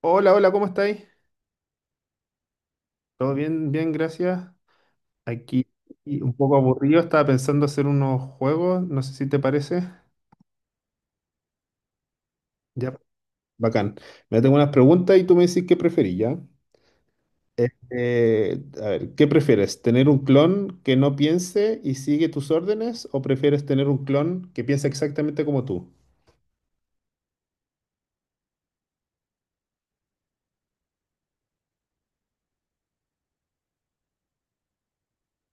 Hola, hola, ¿cómo estáis? Todo bien, bien, gracias. Aquí y un poco aburrido, estaba pensando hacer unos juegos, no sé si te parece. Ya, bacán. Me tengo unas preguntas y tú me dices qué preferís, ¿ya? A ver, ¿qué prefieres? ¿Tener un clon que no piense y sigue tus órdenes o prefieres tener un clon que piensa exactamente como tú?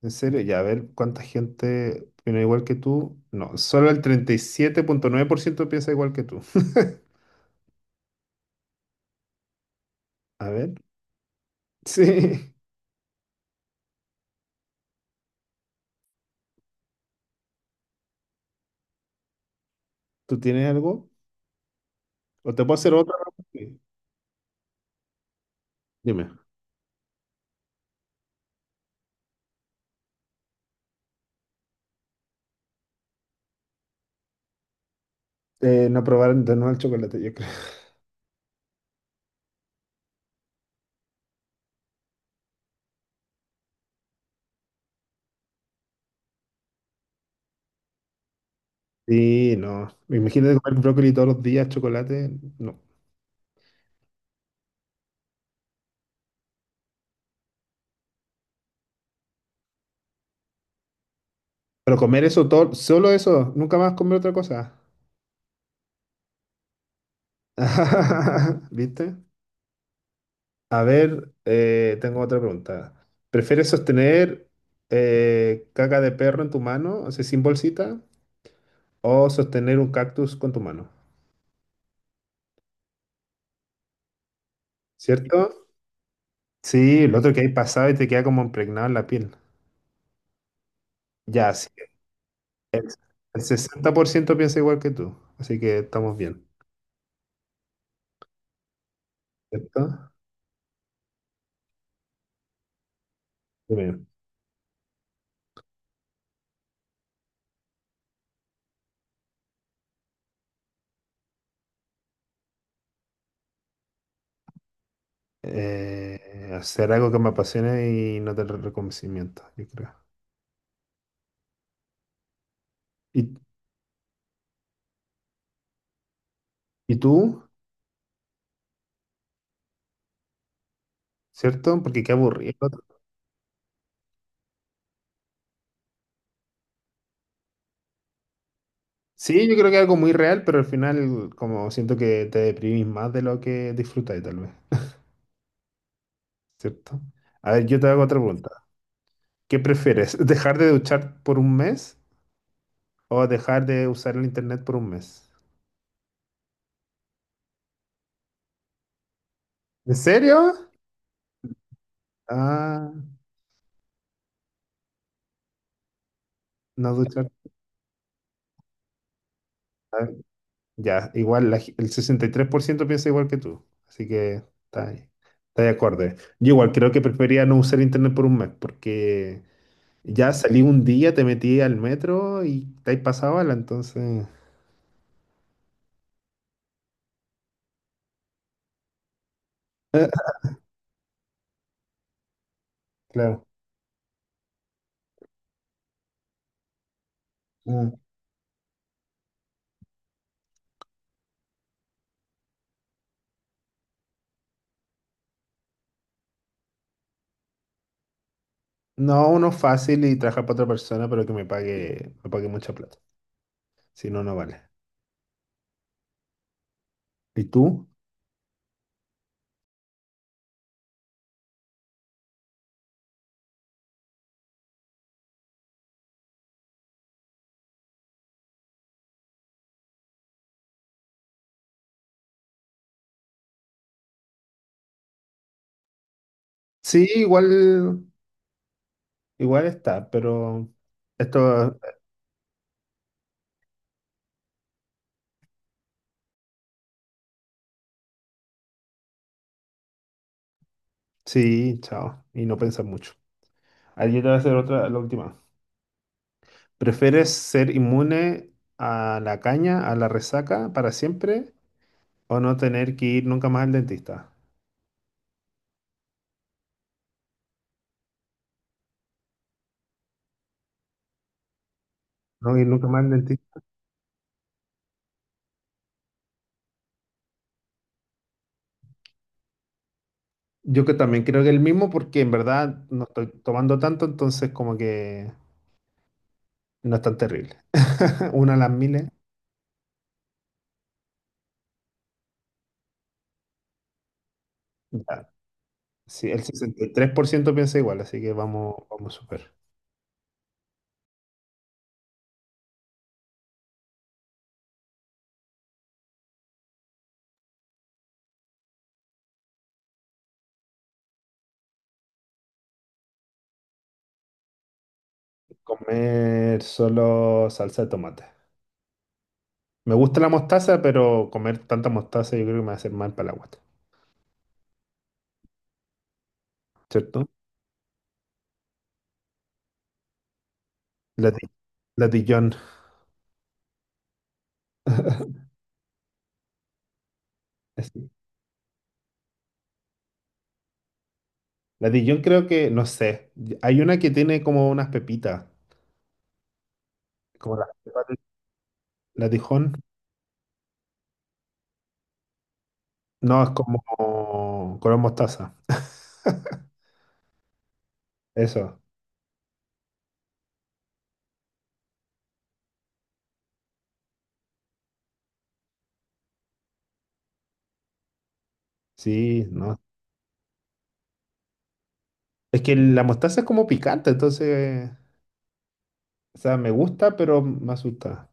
En serio, ya, a ver cuánta gente opina igual que tú. No, solo el 37,9% piensa igual que tú. A ver, sí. ¿Tú tienes algo? O te puedo hacer otra. Sí, dime. No probar de nuevo el chocolate, yo creo. Sí, no. Imagínate comer brócoli todos los días, chocolate. No. Pero comer eso todo, solo eso. Nunca más comer otra cosa. ¿Viste? A ver, tengo otra pregunta. ¿Prefieres sostener caca de perro en tu mano, o sea, sin bolsita, o sostener un cactus con tu mano? ¿Cierto? Sí, el otro que hay pasado y te queda como impregnado en la piel. Ya, sí. El el 60% piensa igual que tú, así que estamos bien, ¿cierto? Dime. Hacer algo que me apasione y no tener reconocimiento, yo creo. ¿Y, y tú? ¿Cierto? Porque qué aburrido. Sí, yo creo que es algo muy real, pero al final como siento que te deprimís más de lo que disfrutáis tal vez, ¿cierto? A ver, yo te hago otra pregunta. ¿Qué prefieres? ¿Dejar de duchar por un mes o dejar de usar el internet por un mes? ¿En serio? Ah, no duchar. Ya, igual el 63% piensa igual que tú, así que está ahí, está de acuerdo. Yo igual creo que preferiría no usar internet por un mes, porque ya salí un día, te metí al metro y te has pasado bala, entonces... Claro. Mm. No, uno fácil y trabajar para otra persona, pero que me pague mucha plata. Si no, no vale. ¿Y tú? Sí, igual, igual está, pero esto sí, chao. Y no pensar mucho. Ayer te va a hacer otra, la última. ¿Prefieres ser inmune a la caña, a la resaca para siempre o no tener que ir nunca más al dentista? No ir nunca más al dentista. Yo que también creo que el mismo porque en verdad no estoy tomando tanto, entonces como que no es tan terrible. Una a las miles. Ya. Sí, el sesenta y tres por ciento piensa igual, así que vamos, vamos súper. Comer solo salsa de tomate. Me gusta la mostaza, pero comer tanta mostaza yo creo que me va a hacer mal para la guata, ¿cierto? La, Lati- latillón. Así. La Dijon creo que, no sé, hay una que tiene como unas pepitas, como las pepas de- La Dijon, no, es como color mostaza, eso, sí, no. Es que la mostaza es como picante, entonces, o sea, me gusta, pero me asusta.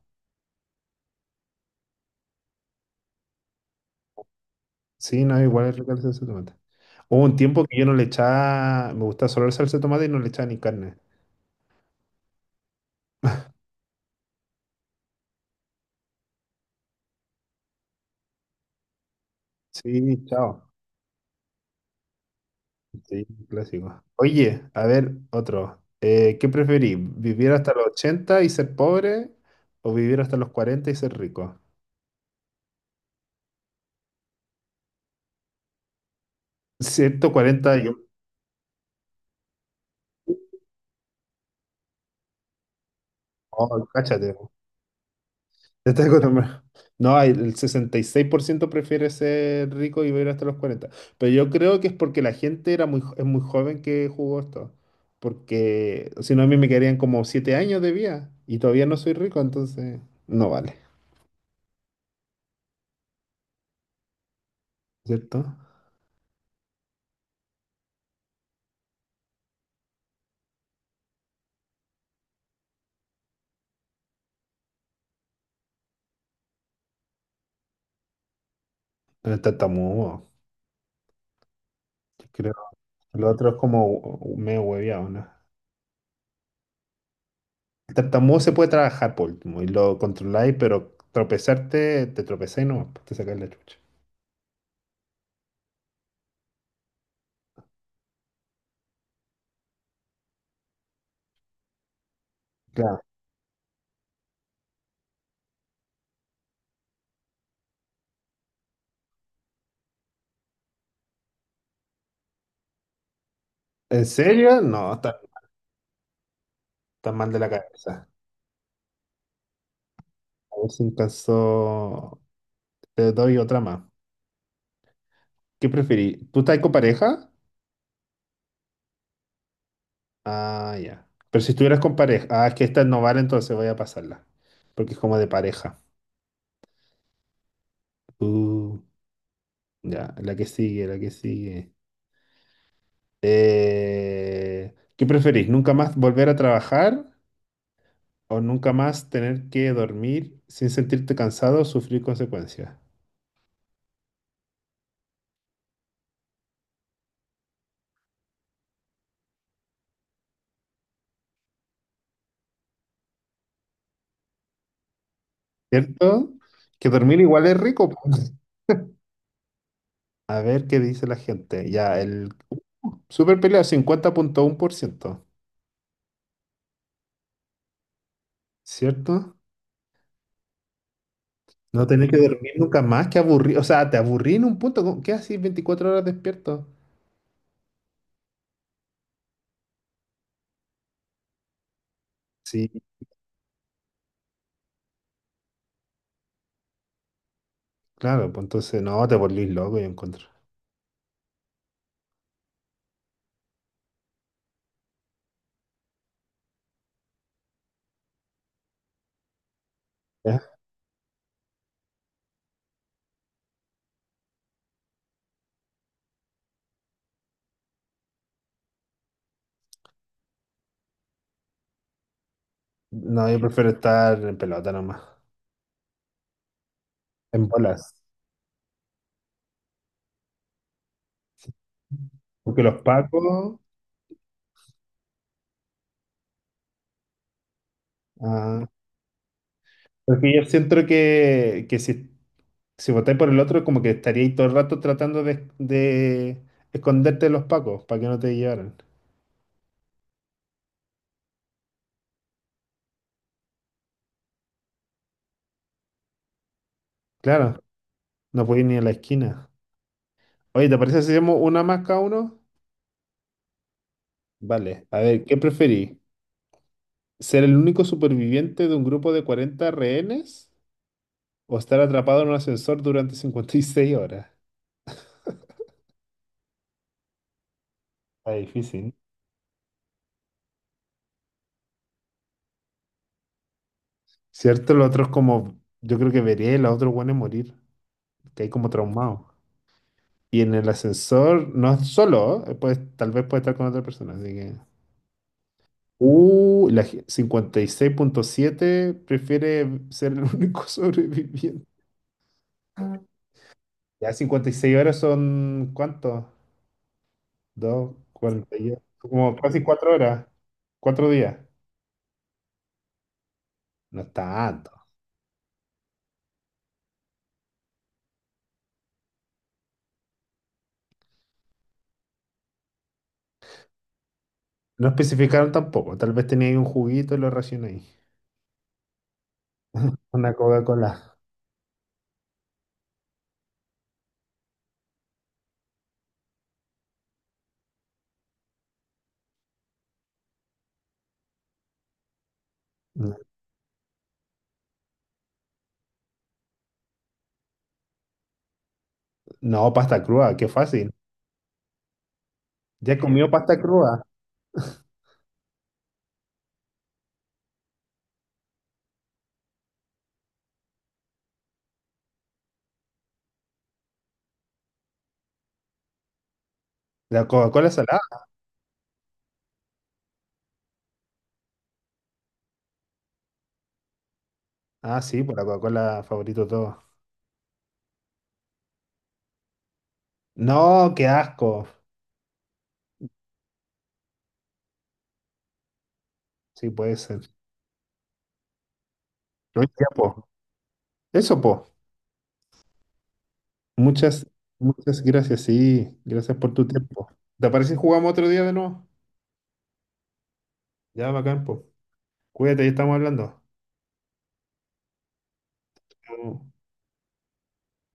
Sí, no, igual es rica la salsa de tomate. Hubo un tiempo que yo no le echaba, me gustaba solo la salsa de tomate y no le echaba ni carne. Sí, chao. Sí, un clásico. Oye, a ver, otro. ¿Qué preferís? ¿Vivir hasta los 80 y ser pobre o vivir hasta los 40 y ser rico? 140 y... Oh, cáchate. Te tengo nomás. No, el 66% prefiere ser rico y vivir hasta los 40. Pero yo creo que es porque la gente era es muy joven que jugó esto. Porque si no, a mí me quedarían como 7 años de vida y todavía no soy rico, entonces no vale. ¿Cierto? Pero está mudo. Lo otro es como medio hueviado, ¿no? El tartamudo se puede trabajar por último y lo controláis, pero tropezarte, te tropezáis no, te sacáis la chucha. Claro. ¿En serio? No, está mal de la cabeza. A ver si alcanzó. Te doy otra más. ¿Qué preferís? ¿Tú estás con pareja? Ah, ya. Pero si estuvieras con pareja. Ah, es que esta no vale, entonces voy a pasarla. Porque es como de pareja. Uh, ya, la que sigue, la que sigue. ¿Qué preferís? ¿Nunca más volver a trabajar o nunca más tener que dormir sin sentirte cansado o sufrir consecuencias? ¿Cierto? Que dormir igual es rico, po. A ver qué dice la gente. Ya, el super pelea 50,1%, ¿cierto? No tener que dormir nunca más, que aburrir. O sea, te aburrí en un punto. ¿Qué haces 24 horas despierto? Sí, claro, pues entonces no, te volvís loco, yo encuentro. ¿Ya? No, yo prefiero estar en pelota nomás, en bolas. Porque los pacos. ah, Porque yo siento que si votáis por el otro, como que estaríais todo el rato tratando de esconderte de los pacos para que no te llevaran. Claro, no podéis ni a la esquina. Oye, ¿te parece si hacemos una más cada uno? Vale, a ver, ¿qué preferís? ¿Ser el único superviviente de un grupo de 40 rehenes o estar atrapado en un ascensor durante 56 horas? Está difícil, ¿no? Cierto, lo otro es como, yo creo que vería a los otros buenos morir, que hay como traumados. Y en el ascensor, no es solo, ¿eh? Pues tal vez puede estar con otra persona, así que... 56,7 prefiere ser el único sobreviviente. Ya 56 horas son, ¿cuánto? 2, 42. Como casi 4 horas. 4 días. No es tanto. No especificaron tampoco. Tal vez tenía ahí un juguito y lo racioné ahí. Una Coca-Cola. No, pasta cruda, qué fácil. Ya he comido pasta cruda. La Coca-Cola salada. Ah, sí, pues la Coca-Cola favorito de todos. No, qué asco. Sí, puede ser. No hay tiempo. Eso, po. Muchas, muchas gracias, sí. Gracias por tu tiempo. ¿Te parece si jugamos otro día de nuevo? Ya, bacán, po. Cuídate, ya estamos hablando. Chao.